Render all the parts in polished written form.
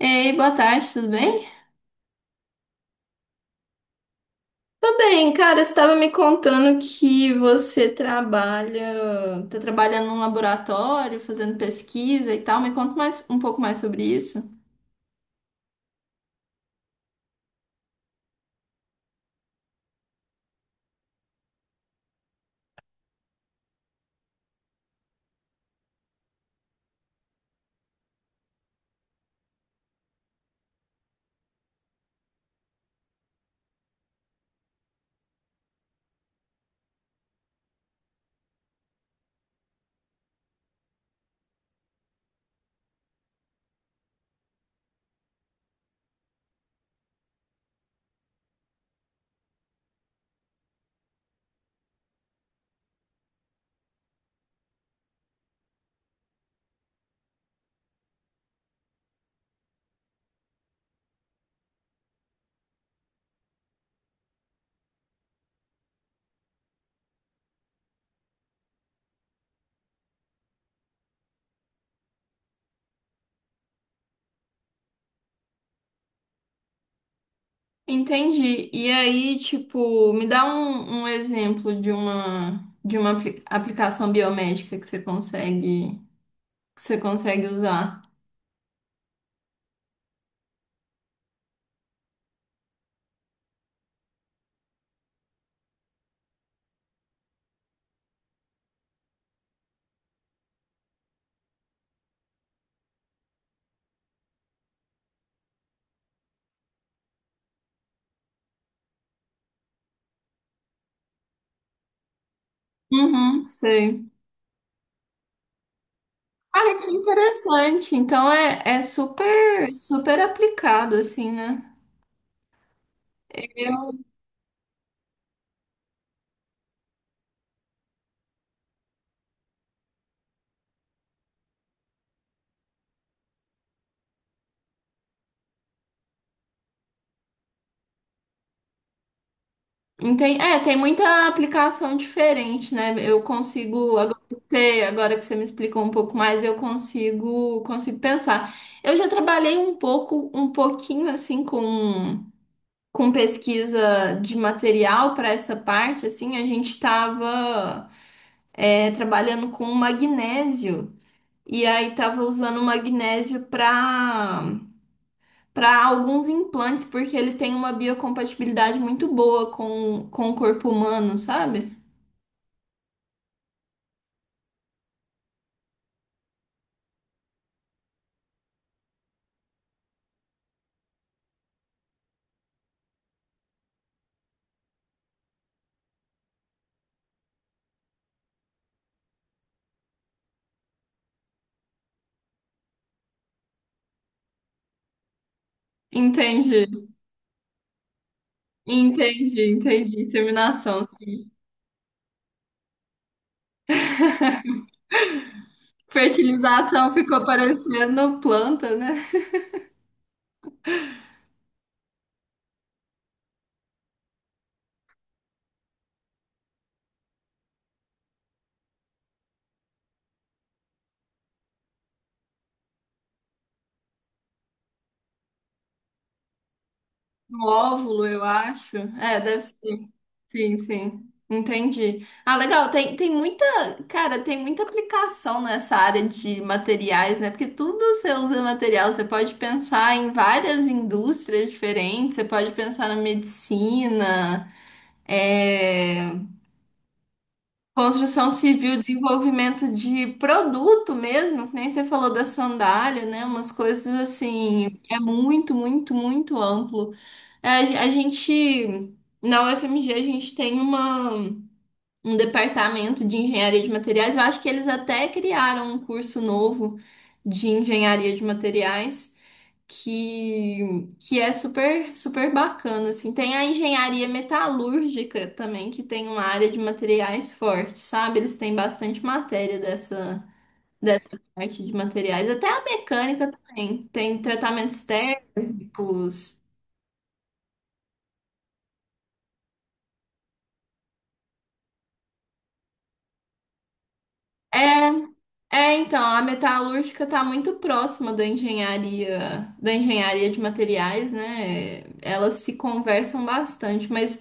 Ei, boa tarde, tudo bem? Tá bem, cara, você estava me contando que você trabalha, tá trabalhando num laboratório, fazendo pesquisa e tal. Me conta mais um pouco mais sobre isso. Entendi. E aí, tipo, me dá um exemplo de uma aplicação biomédica que você consegue usar. Uhum, sei. Ah, que interessante. Então é super super aplicado assim, né? É, tem muita aplicação diferente, né? Eu consigo, agora que você me explicou um pouco mais, eu consigo pensar. Eu já trabalhei um pouco, um pouquinho assim com pesquisa de material para essa parte, assim, a gente estava trabalhando com magnésio e aí tava usando magnésio para alguns implantes, porque ele tem uma biocompatibilidade muito boa com o corpo humano, sabe? Entendi, entendi, entendi. Inseminação, sim. Fertilização ficou parecendo planta, né? Um óvulo, eu acho. É, deve ser. Sim, sim. Entendi. Ah, legal. Tem muita, cara, tem muita aplicação nessa área de materiais, né? Porque tudo você usa material. Você pode pensar em várias indústrias diferentes. Você pode pensar na medicina. É... Construção civil, desenvolvimento de produto mesmo, que nem você falou da sandália, né? Umas coisas assim, é muito, muito, muito amplo. É, a gente, na UFMG, a gente tem uma, um departamento de engenharia de materiais. Eu acho que eles até criaram um curso novo de engenharia de materiais que é super, super bacana, assim. Tem a engenharia metalúrgica também, que tem uma área de materiais forte, sabe? Eles têm bastante matéria dessa parte de materiais. Até a mecânica também. Tem tratamentos térmicos. É, então, a metalúrgica está muito próxima da engenharia de materiais, né? Elas se conversam bastante, mas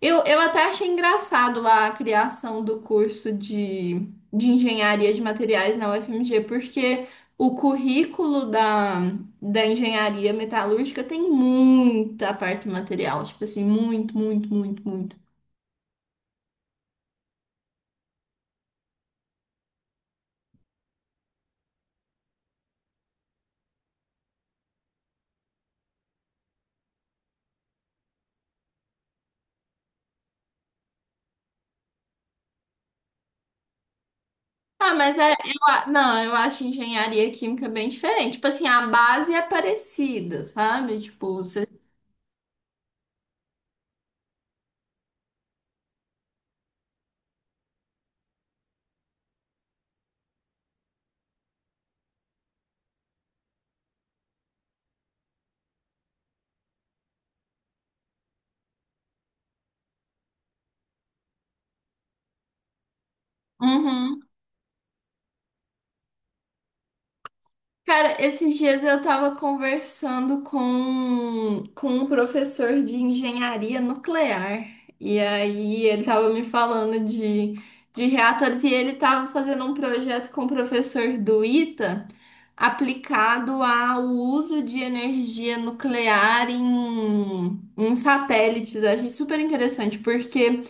eu até achei engraçado a criação do curso de engenharia de materiais na UFMG, porque o currículo da engenharia metalúrgica tem muita parte material, tipo assim, muito, muito, muito, muito. Ah, mas não, eu acho engenharia química bem diferente. Tipo assim, a base é parecida, sabe? Tipo, você. Uhum. Cara, esses dias eu tava conversando com um professor de engenharia nuclear. E aí ele tava me falando de reatores e ele tava fazendo um projeto com o professor do ITA aplicado ao uso de energia nuclear em satélites. Eu achei super interessante porque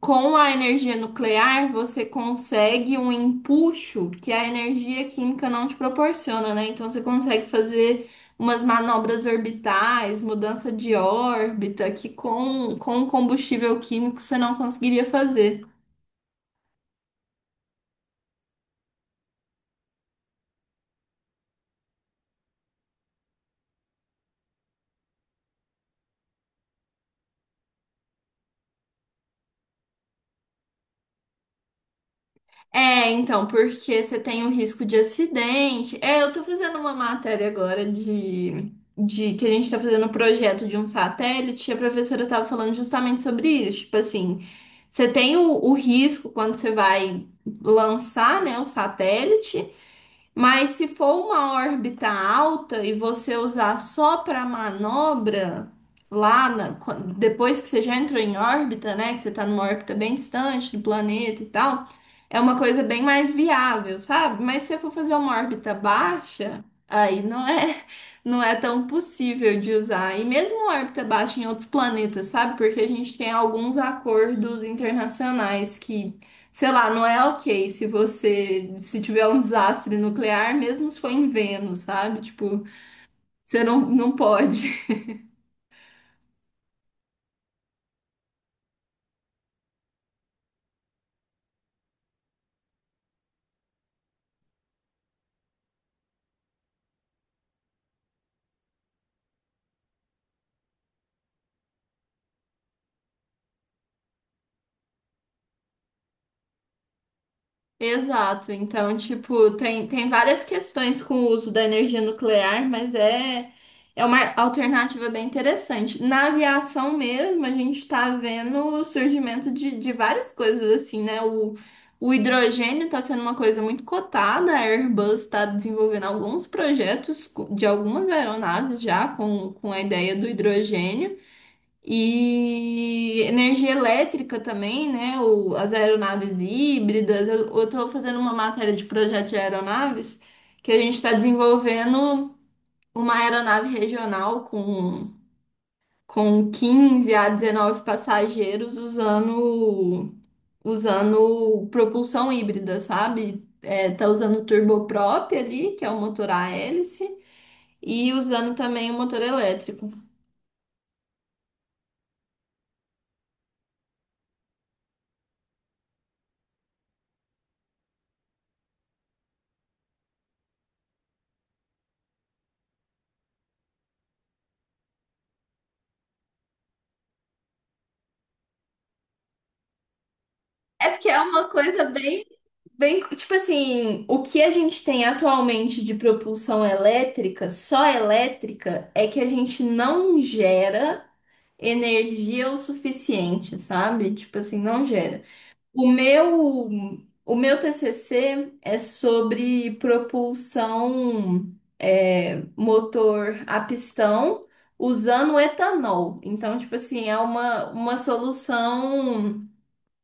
com a energia nuclear, você consegue um empuxo que a energia química não te proporciona, né? Então você consegue fazer umas manobras orbitais, mudança de órbita, que com o combustível químico você não conseguiria fazer. É, então, porque você tem o risco de acidente. É, eu tô fazendo uma matéria agora de que a gente tá fazendo um projeto de um satélite, e a professora tava falando justamente sobre isso. Tipo assim, você tem o risco quando você vai lançar, né, o satélite, mas se for uma órbita alta e você usar só para manobra, depois que você já entrou em órbita, né? Que você tá numa órbita bem distante do planeta e tal, é uma coisa bem mais viável, sabe? Mas se você for fazer uma órbita baixa, aí não é, não é tão possível de usar. E mesmo órbita baixa em outros planetas, sabe? Porque a gente tem alguns acordos internacionais que. Sei lá, não é ok se tiver um desastre nuclear, mesmo se for em Vênus, sabe? Tipo, você não pode. Exato. Então, tipo, tem várias questões com o uso da energia nuclear, mas é uma alternativa bem interessante. Na aviação mesmo, a gente tá vendo o surgimento de várias coisas assim, né? O hidrogênio tá sendo uma coisa muito cotada, a Airbus está desenvolvendo alguns projetos de algumas aeronaves já com a ideia do hidrogênio. E energia elétrica também, né? As aeronaves híbridas. Eu, estou fazendo uma matéria de projeto de aeronaves que a gente está desenvolvendo uma aeronave regional com 15 a 19 passageiros usando propulsão híbrida, sabe? É, tá usando turboprop ali, que é o motor a hélice, e usando também o motor elétrico. É porque é uma coisa Bem, tipo assim, o que a gente tem atualmente de propulsão elétrica, só elétrica, é que a gente não gera energia o suficiente, sabe? Tipo assim, não gera. O meu, o meu TCC é sobre propulsão, motor a pistão usando etanol. Então, tipo assim, é uma, solução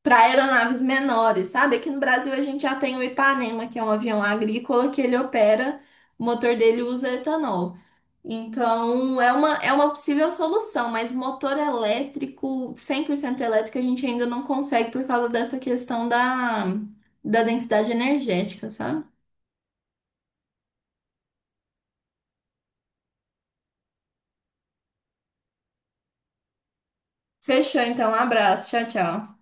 para aeronaves menores, sabe? Aqui no Brasil a gente já tem o Ipanema, que é um avião agrícola que ele opera, o motor dele usa etanol. Então, é uma possível solução, mas motor elétrico, 100% elétrico, a gente ainda não consegue por causa dessa questão da densidade energética, sabe? Fechou, então. Um abraço. Tchau, tchau.